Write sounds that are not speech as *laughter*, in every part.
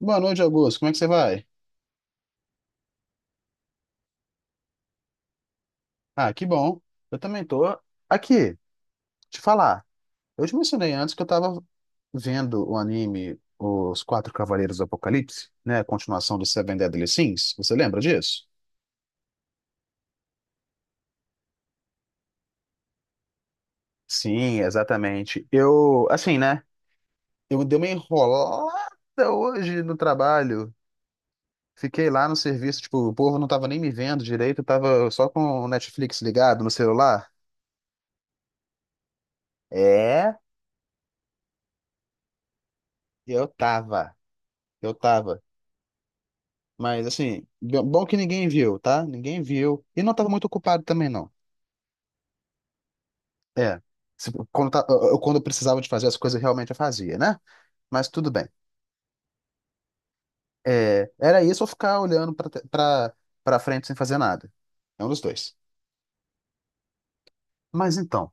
Boa noite, Augusto. Como é que você vai? Ah, que bom. Eu também tô aqui, te falar. Eu te mencionei antes que eu tava vendo o anime Os Quatro Cavaleiros do Apocalipse, né? A continuação do Seven Deadly Sins. Você lembra disso? Sim, exatamente. Eu, assim, né? Eu dei uma enrolada hoje no trabalho. Fiquei lá no serviço, tipo, o povo não tava nem me vendo direito, eu tava só com o Netflix ligado no celular. É, eu tava. Eu tava. Mas assim, bom que ninguém viu, tá? Ninguém viu. E não tava muito ocupado também, não. É. Quando eu precisava de fazer as coisas, realmente eu fazia, né? Mas tudo bem. É, era isso ou ficar olhando pra frente sem fazer nada. É um dos dois. Mas então,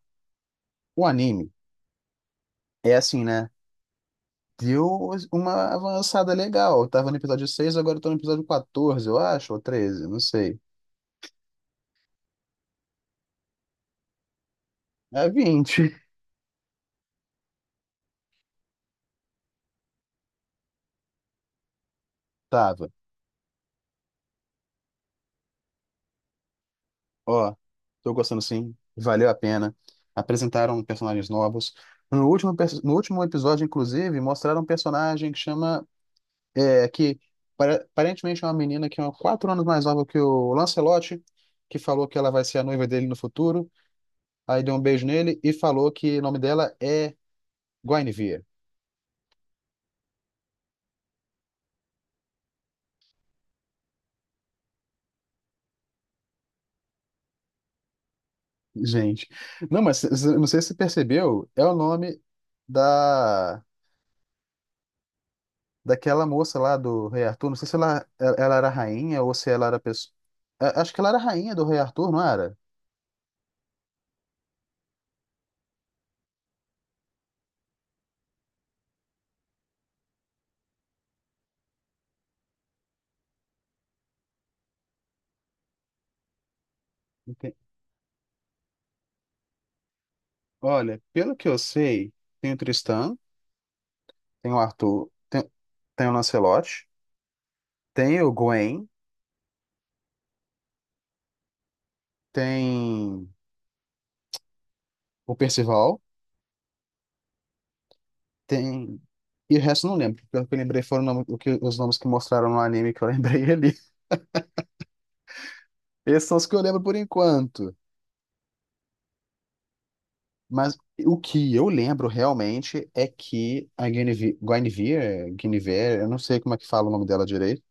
o anime é assim, né? Deu uma avançada legal. Eu tava no episódio seis, agora eu tô no episódio 14, eu acho, ou 13, não sei. É 20. *laughs* Tava. Ó, tô gostando sim, valeu a pena. Apresentaram personagens novos. No último episódio, inclusive, mostraram um personagem que chama. É, que aparentemente é uma menina que é 4 anos mais nova que o Lancelote, que falou que ela vai ser a noiva dele no futuro. Aí deu um beijo nele e falou que o nome dela é Guinevere. Gente, não, mas não sei se você percebeu, é o nome da. Daquela moça lá do Rei Arthur. Não sei se ela era rainha ou se ela era pessoa. Acho que ela era rainha do Rei Arthur, não era? Ente- Olha, pelo que eu sei, tem o Tristan, tem o Arthur, tem o Lancelot, tem o Gwen, tem o Percival, tem. E o resto eu não lembro. Pelo que eu lembrei foram o nome- o que- os nomes que mostraram no anime que eu lembrei ali. *laughs* Esses são os que eu lembro por enquanto. Mas o que eu lembro realmente é que a Guinevere, Guinevere, Guinevere, eu não sei como é que fala o nome dela direito,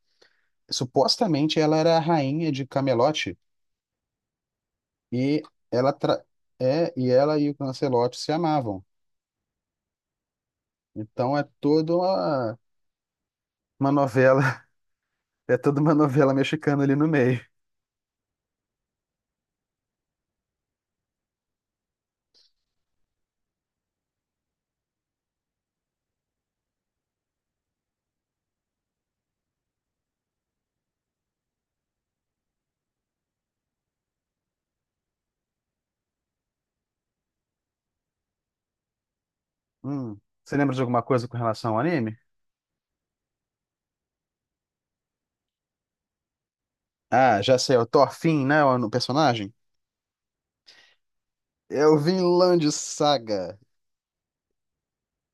supostamente ela era a rainha de Camelot e ela tra- é e ela e o Lancelot se amavam. Então é toda uma novela, *laughs* é toda uma novela mexicana ali no meio. Hum. Você lembra de alguma coisa com relação ao anime? Ah, já sei, é o Thorfinn, né, o personagem? É o Vinland Saga.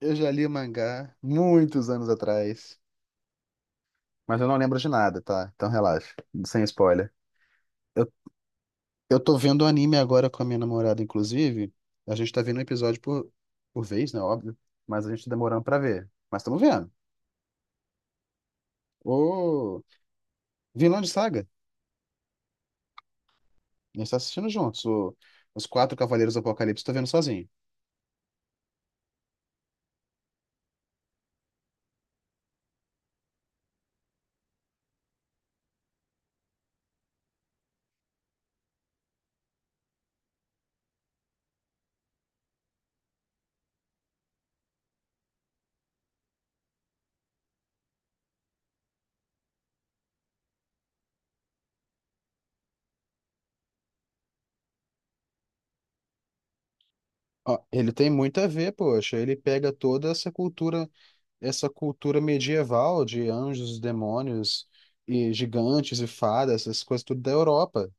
Eu já li o mangá muitos anos atrás. Mas eu não lembro de nada, tá? Então relaxa, sem spoiler. Eu, eu tô vendo anime agora com a minha namorada, inclusive. A gente tá vendo um episódio por vez, né? Óbvio. Mas a gente tá demorando pra ver. Mas estamos vendo. O Vinland Saga. A gente tá assistindo juntos. Os Quatro Cavaleiros do Apocalipse tô vendo sozinho. Ó, ele tem muito a ver, poxa. Ele pega toda essa cultura medieval de anjos, demônios e gigantes e fadas, essas coisas tudo da Europa.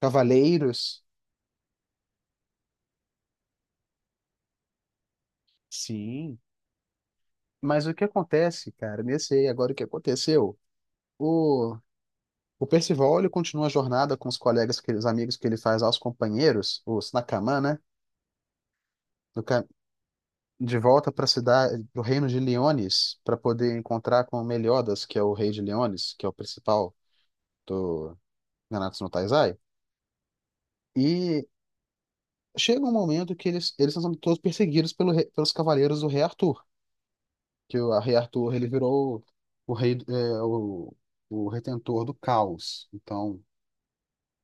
Cavaleiros. Sim. Mas o que acontece, cara, nesse aí, agora o que aconteceu? O, o Percival, ele continua a jornada com os colegas, os amigos que ele faz aos companheiros, os Nakaman, né? do ca- de volta para a cidade, para o reino de Leones, para poder encontrar com Meliodas, que é o rei de Leones, que é o principal do Nanatsu no Taizai. E chega um momento que eles são todos perseguidos pelos cavaleiros do rei Arthur, que o a rei Arthur, ele virou o rei, o retentor do caos. Então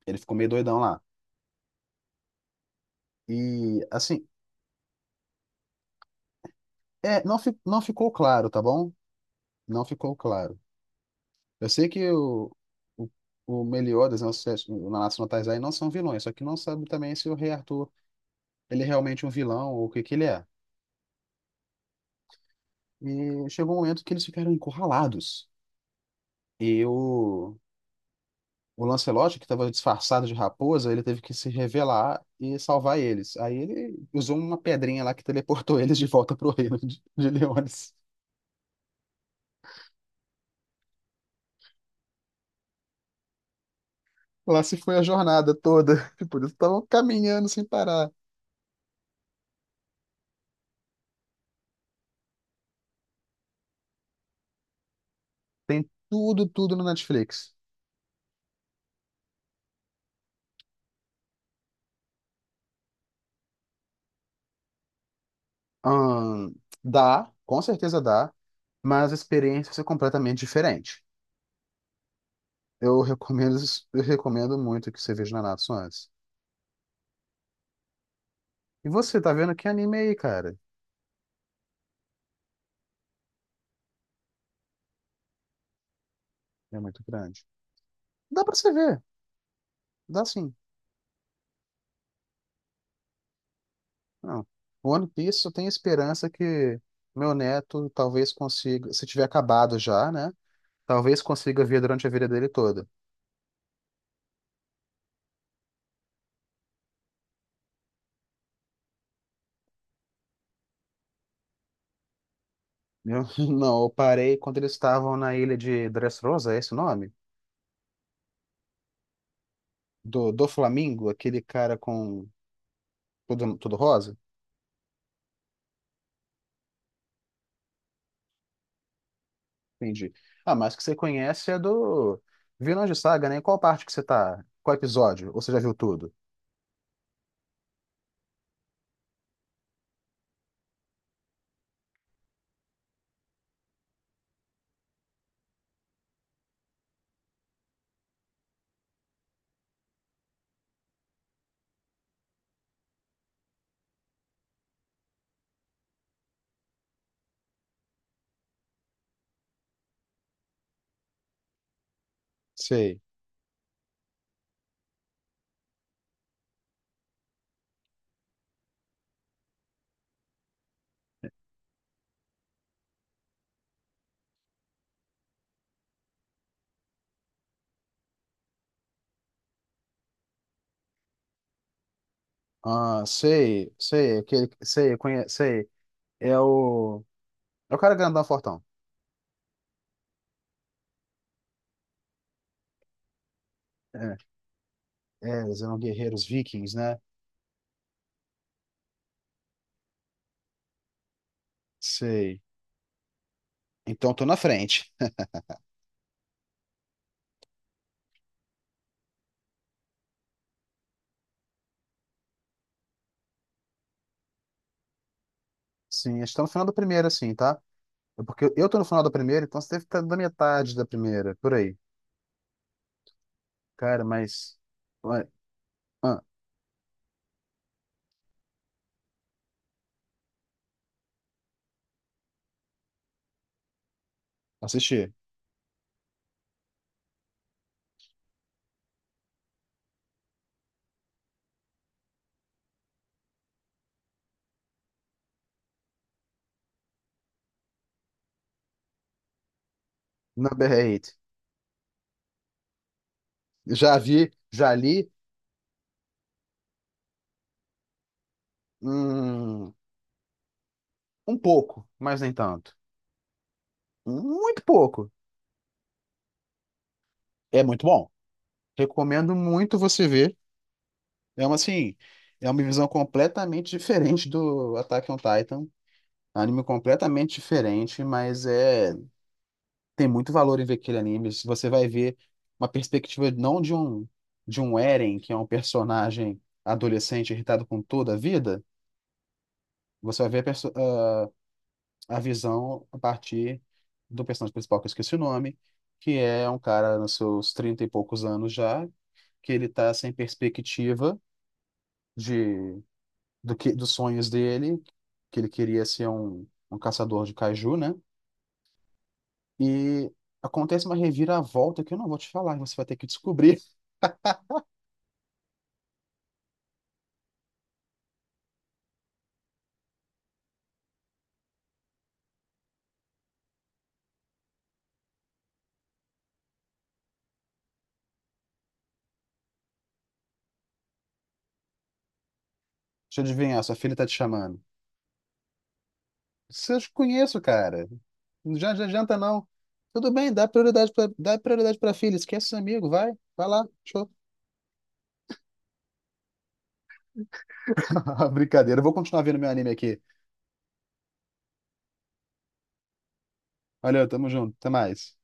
ele ficou meio doidão lá. E, assim, não ficou claro, tá bom? Não ficou claro. Eu sei que o, o Meliodas, né, o Nanatsu no Taizai não são vilões, só que não sabe também se o Rei Arthur ele é realmente um vilão ou o que que ele é. E chegou um momento que eles ficaram encurralados. E o Lancelot, que estava disfarçado de raposa, ele teve que se revelar e salvar eles. Aí ele usou uma pedrinha lá que teleportou *laughs* eles de volta pro reino de Leones. Lá se foi a jornada toda. *laughs* Por isso estavam caminhando sem parar. Tem tudo, tudo no Netflix. Ahn, dá, com certeza dá, mas a experiência é completamente diferente. Eu recomendo, eu recomendo muito que você veja Nanatsu antes. E você, tá vendo que anime aí, cara? É muito grande. Dá pra você ver, dá sim. Não. O One Piece eu tenho esperança que meu neto talvez consiga, se tiver acabado já, né? Talvez consiga ver durante a vida dele toda. Eu, *laughs* não, eu parei quando eles estavam na ilha de Dressrosa, é esse o nome? Do Flamingo, aquele cara com tudo, tudo rosa? Entendi. Ah, mas que você conhece é do Vilões de Saga, né? Em qual parte que você tá? Qual episódio? Ou você já viu tudo? Sei. Ah, sei, sei, aquele, sei, conhe, sei. É o, é o cara grandão fortão. É, é, eles eram guerreiros vikings, né? Sei. Então tô na frente. Sim, estamos no final do primeiro, assim, tá? É, porque eu tô no final da primeira, então você deve estar na metade da primeira, por aí. Cara, mas. Ué, ah, assisti. Number 8. Já vi, já li. Hum, um pouco, mas nem tanto. Muito pouco. É muito bom. Recomendo muito você ver. É uma assim. É uma visão completamente diferente do Attack on Titan. Anime completamente diferente, mas é. Tem muito valor em ver aquele anime. Se você vai ver uma perspectiva não de um Eren, que é um personagem adolescente irritado com toda a vida, você vai ver a visão a partir do personagem principal, que eu esqueci o nome, que é um cara nos seus 30 e poucos anos já, que ele tá sem perspectiva de do que dos sonhos dele, que ele queria ser um caçador de kaiju, né? E acontece uma reviravolta que eu não vou te falar, você vai ter que descobrir. Deixa eu adivinhar, sua filha tá te chamando. Se eu te conheço, cara. Não já adianta, não. Tudo bem, dá prioridade pra filha. Esquece seu amigo, vai. Vai lá, show. *laughs* Brincadeira, eu vou continuar vendo meu anime aqui. Valeu, tamo junto, até mais.